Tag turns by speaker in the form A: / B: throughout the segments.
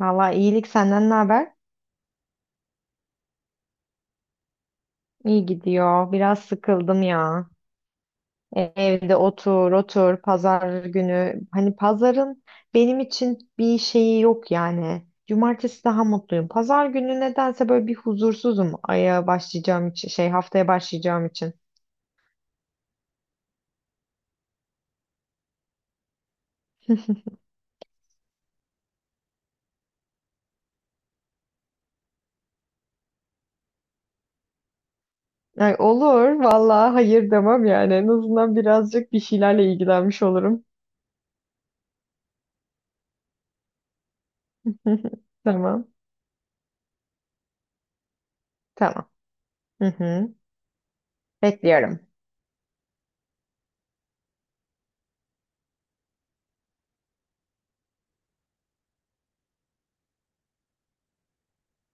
A: Valla iyilik senden ne haber? İyi gidiyor. Biraz sıkıldım ya. Evde otur otur pazar günü. Hani pazarın benim için bir şeyi yok yani. Cumartesi daha mutluyum. Pazar günü nedense böyle bir huzursuzum aya başlayacağım için haftaya başlayacağım için. Ay, olur valla hayır demem yani. En azından birazcık bir şeylerle ilgilenmiş olurum. Tamam. Tamam. Hı hı. Bekliyorum.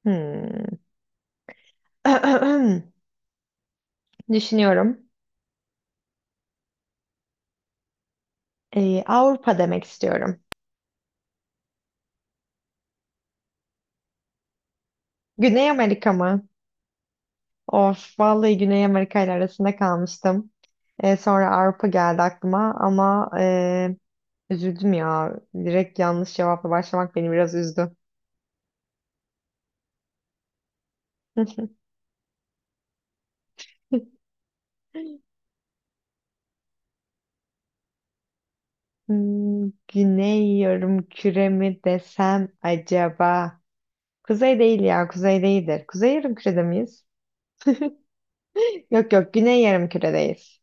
A: Hmm. Düşünüyorum. Avrupa demek istiyorum. Güney Amerika mı? Of, vallahi Güney Amerika ile arasında kalmıştım. Sonra Avrupa geldi aklıma ama üzüldüm ya. Direkt yanlış cevapla başlamak beni biraz üzdü. Güney yarımküre mi desem acaba? Kuzey değil ya, kuzey değildir. Kuzey yarımkürede miyiz? Yok yok, güney yarımküredeyiz.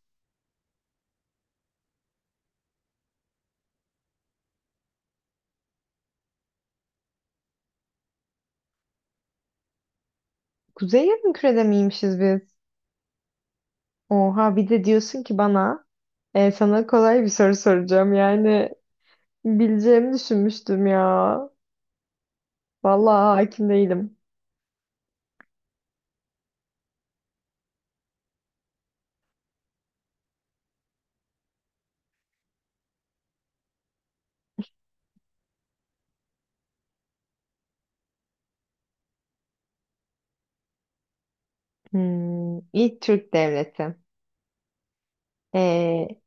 A: Kuzey yarımkürede miymişiz biz? Oha, bir de diyorsun ki bana, sana kolay bir soru soracağım. Yani bileceğimi düşünmüştüm ya. Vallahi hakim değilim. İlk Türk devleti. E,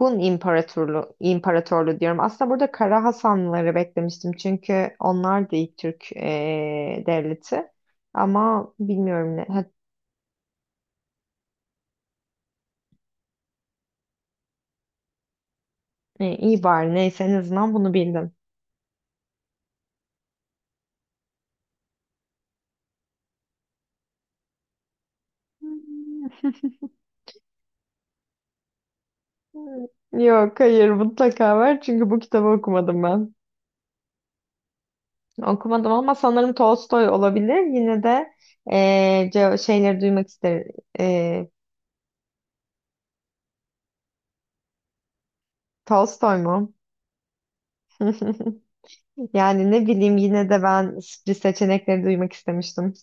A: Hun İmparatorluğu diyorum. Aslında burada Kara Hasanlıları beklemiştim. Çünkü onlar da ilk Türk devleti. Ama bilmiyorum ne. Ha, iyi bari, neyse, en azından bunu bildim. Hmm. Yok, hayır, mutlaka var. Çünkü bu kitabı okumadım ben. Okumadım ama sanırım Tolstoy olabilir. Yine de şeyleri duymak isterim. Eee, Tolstoy mu? Yani ne bileyim, yine de ben sürpriz seçenekleri duymak istemiştim.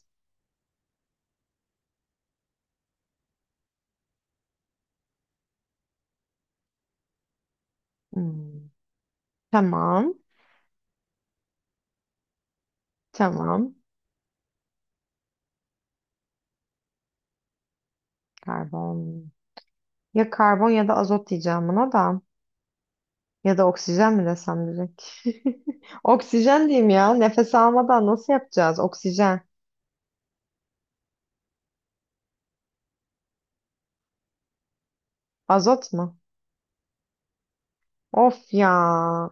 A: Hmm, Tamam. Tamam. Karbon. Ya karbon ya da azot diyeceğim buna da. Ya da oksijen mi desem direkt? Oksijen diyeyim ya. Nefes almadan nasıl yapacağız? Oksijen. Azot mu? Of ya.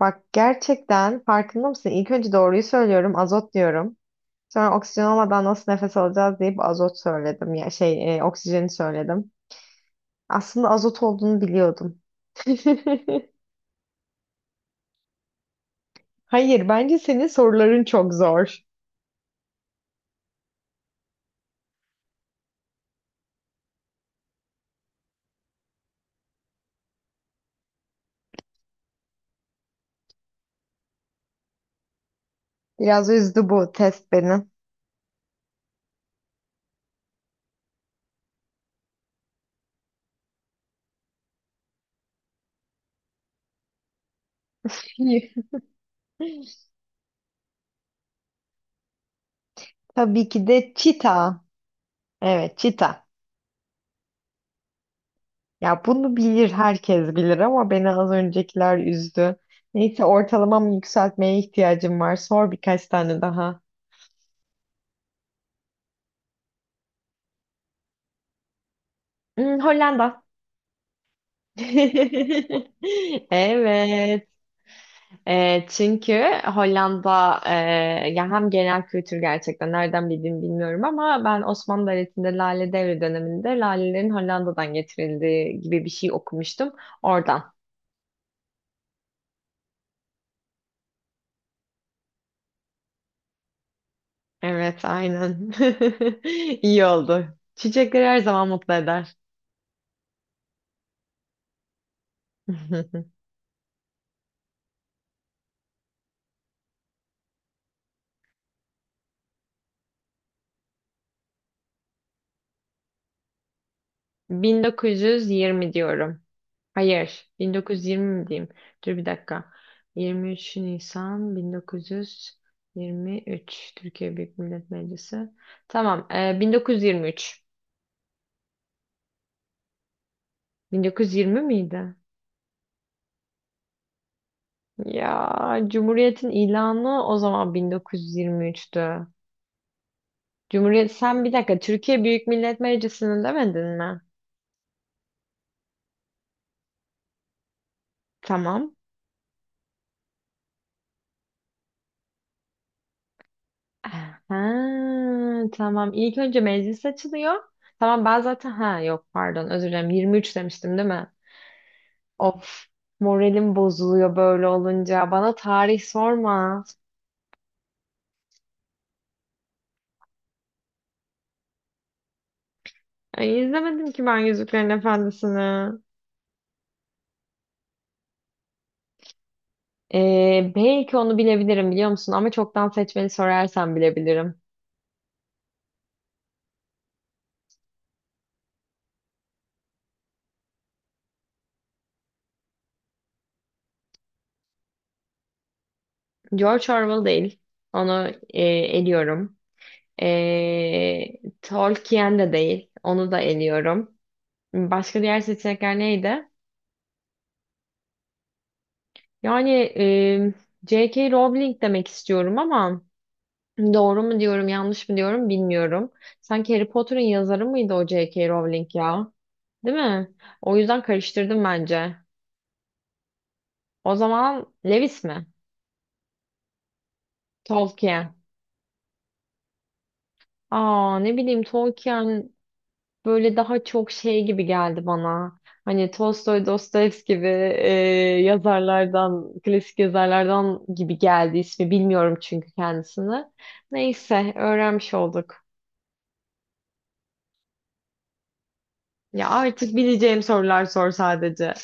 A: Bak, gerçekten farkında mısın? İlk önce doğruyu söylüyorum, azot diyorum. Sonra oksijen olmadan nasıl nefes alacağız deyip azot söyledim. Ya oksijeni söyledim. Aslında azot olduğunu biliyordum. Hayır, bence senin soruların çok zor. Biraz üzdü bu test beni. Tabii ki de çita. Evet, çita. Ya bunu bilir, herkes bilir, ama beni az öncekiler üzdü. Neyse, ortalamamı yükseltmeye ihtiyacım var. Sor birkaç tane daha. Hollanda. Evet. Çünkü Hollanda ya hem genel kültür, gerçekten nereden bildiğimi bilmiyorum ama ben Osmanlı Devleti'nde Lale Devri döneminde lalelerin Hollanda'dan getirildiği gibi bir şey okumuştum oradan. Evet, aynen. İyi oldu. Çiçekler her zaman mutlu eder. 1920 diyorum. Hayır. 1920 mi diyeyim? Dur bir dakika. 23 Nisan 1923 Türkiye Büyük Millet Meclisi. Tamam. 1923. 1920 miydi? Ya Cumhuriyet'in ilanı o zaman 1923'tü. Cumhuriyet... Sen bir dakika, Türkiye Büyük Millet Meclisi'ni demedin mi? Tamam. Ha, tamam. İlk önce meclis açılıyor. Tamam, ben zaten, ha yok, pardon, özür dilerim, 23 demiştim değil mi? Of, moralim bozuluyor böyle olunca. Bana tarih sorma. Ay, izlemedim ki ben Yüzüklerin Efendisi'ni. Belki onu bilebilirim, biliyor musun? Ama çoktan seçmeli sorarsan bilebilirim. George Orwell değil. Onu eliyorum. Tolkien de değil. Onu da eliyorum. Başka diğer seçenekler neydi? Yani e, J.K. Rowling demek istiyorum ama doğru mu diyorum, yanlış mı diyorum bilmiyorum. Sanki Harry Potter'ın yazarı mıydı o J K. Rowling ya? Değil mi? O yüzden karıştırdım bence. O zaman Lewis mi? Tolkien. Aa, ne bileyim, Tolkien böyle daha çok şey gibi geldi bana. Hani Tolstoy, Dostoyevski gibi yazarlardan, klasik yazarlardan gibi geldi ismi. Bilmiyorum çünkü kendisini. Neyse, öğrenmiş olduk. Ya artık bileceğim sorular sor sadece.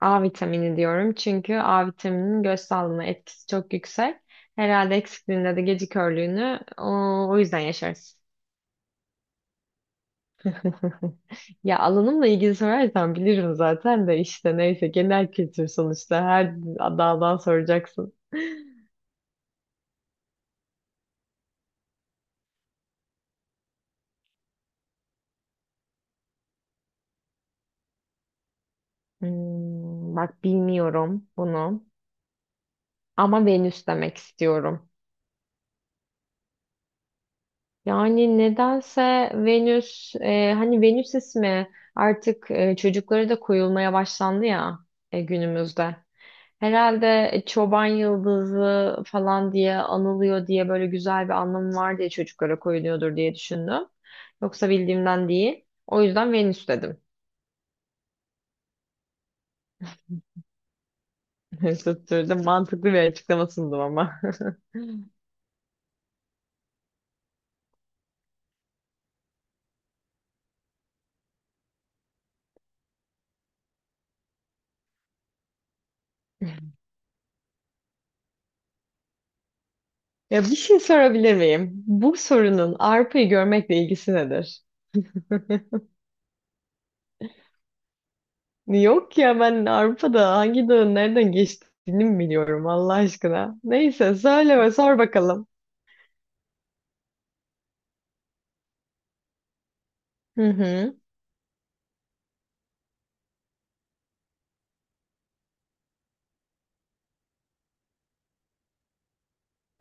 A: A vitamini diyorum çünkü A vitamininin göz sağlığına etkisi çok yüksek. Herhalde eksikliğinde de gece körlüğünü o yüzden yaşarız. Ya alanımla ilgili sorarsan bilirim zaten de, işte neyse, genel kültür sonuçta, her daldan soracaksın. Bak, bilmiyorum bunu ama Venüs demek istiyorum. Yani nedense Venüs, hani Venüs ismi artık çocuklara da koyulmaya başlandı ya günümüzde. Herhalde çoban yıldızı falan diye anılıyor diye, böyle güzel bir anlamı var diye çocuklara koyuluyordur diye düşündüm. Yoksa bildiğimden değil. O yüzden Venüs dedim. Tutturdum. Mantıklı bir açıklama sundum ama. Ya bir şey sorabilir miyim? Bu sorunun arpayı görmekle ilgisi nedir? Yok ya, ben Avrupa'da hangi dağın nereden geçtiğini mi biliyorum Allah aşkına. Neyse, söyle ve sor bakalım. Hı hı.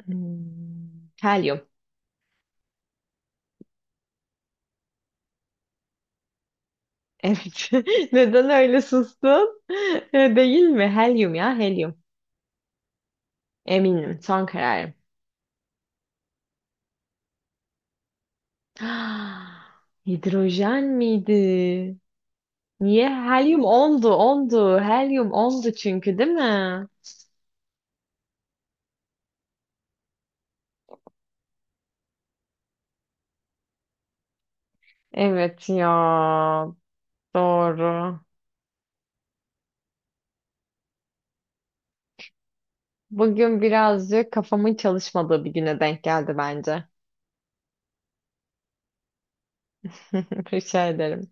A: Helyum. Evet. Neden öyle sustun? Değil mi? Helyum ya, helyum. Eminim. Son kararım. Hidrojen miydi? Niye? Helyum ondu, ondu. Helyum ondu çünkü, değil mi? Evet ya. Doğru. Bugün birazcık kafamın çalışmadığı bir güne denk geldi bence. Rica ederim.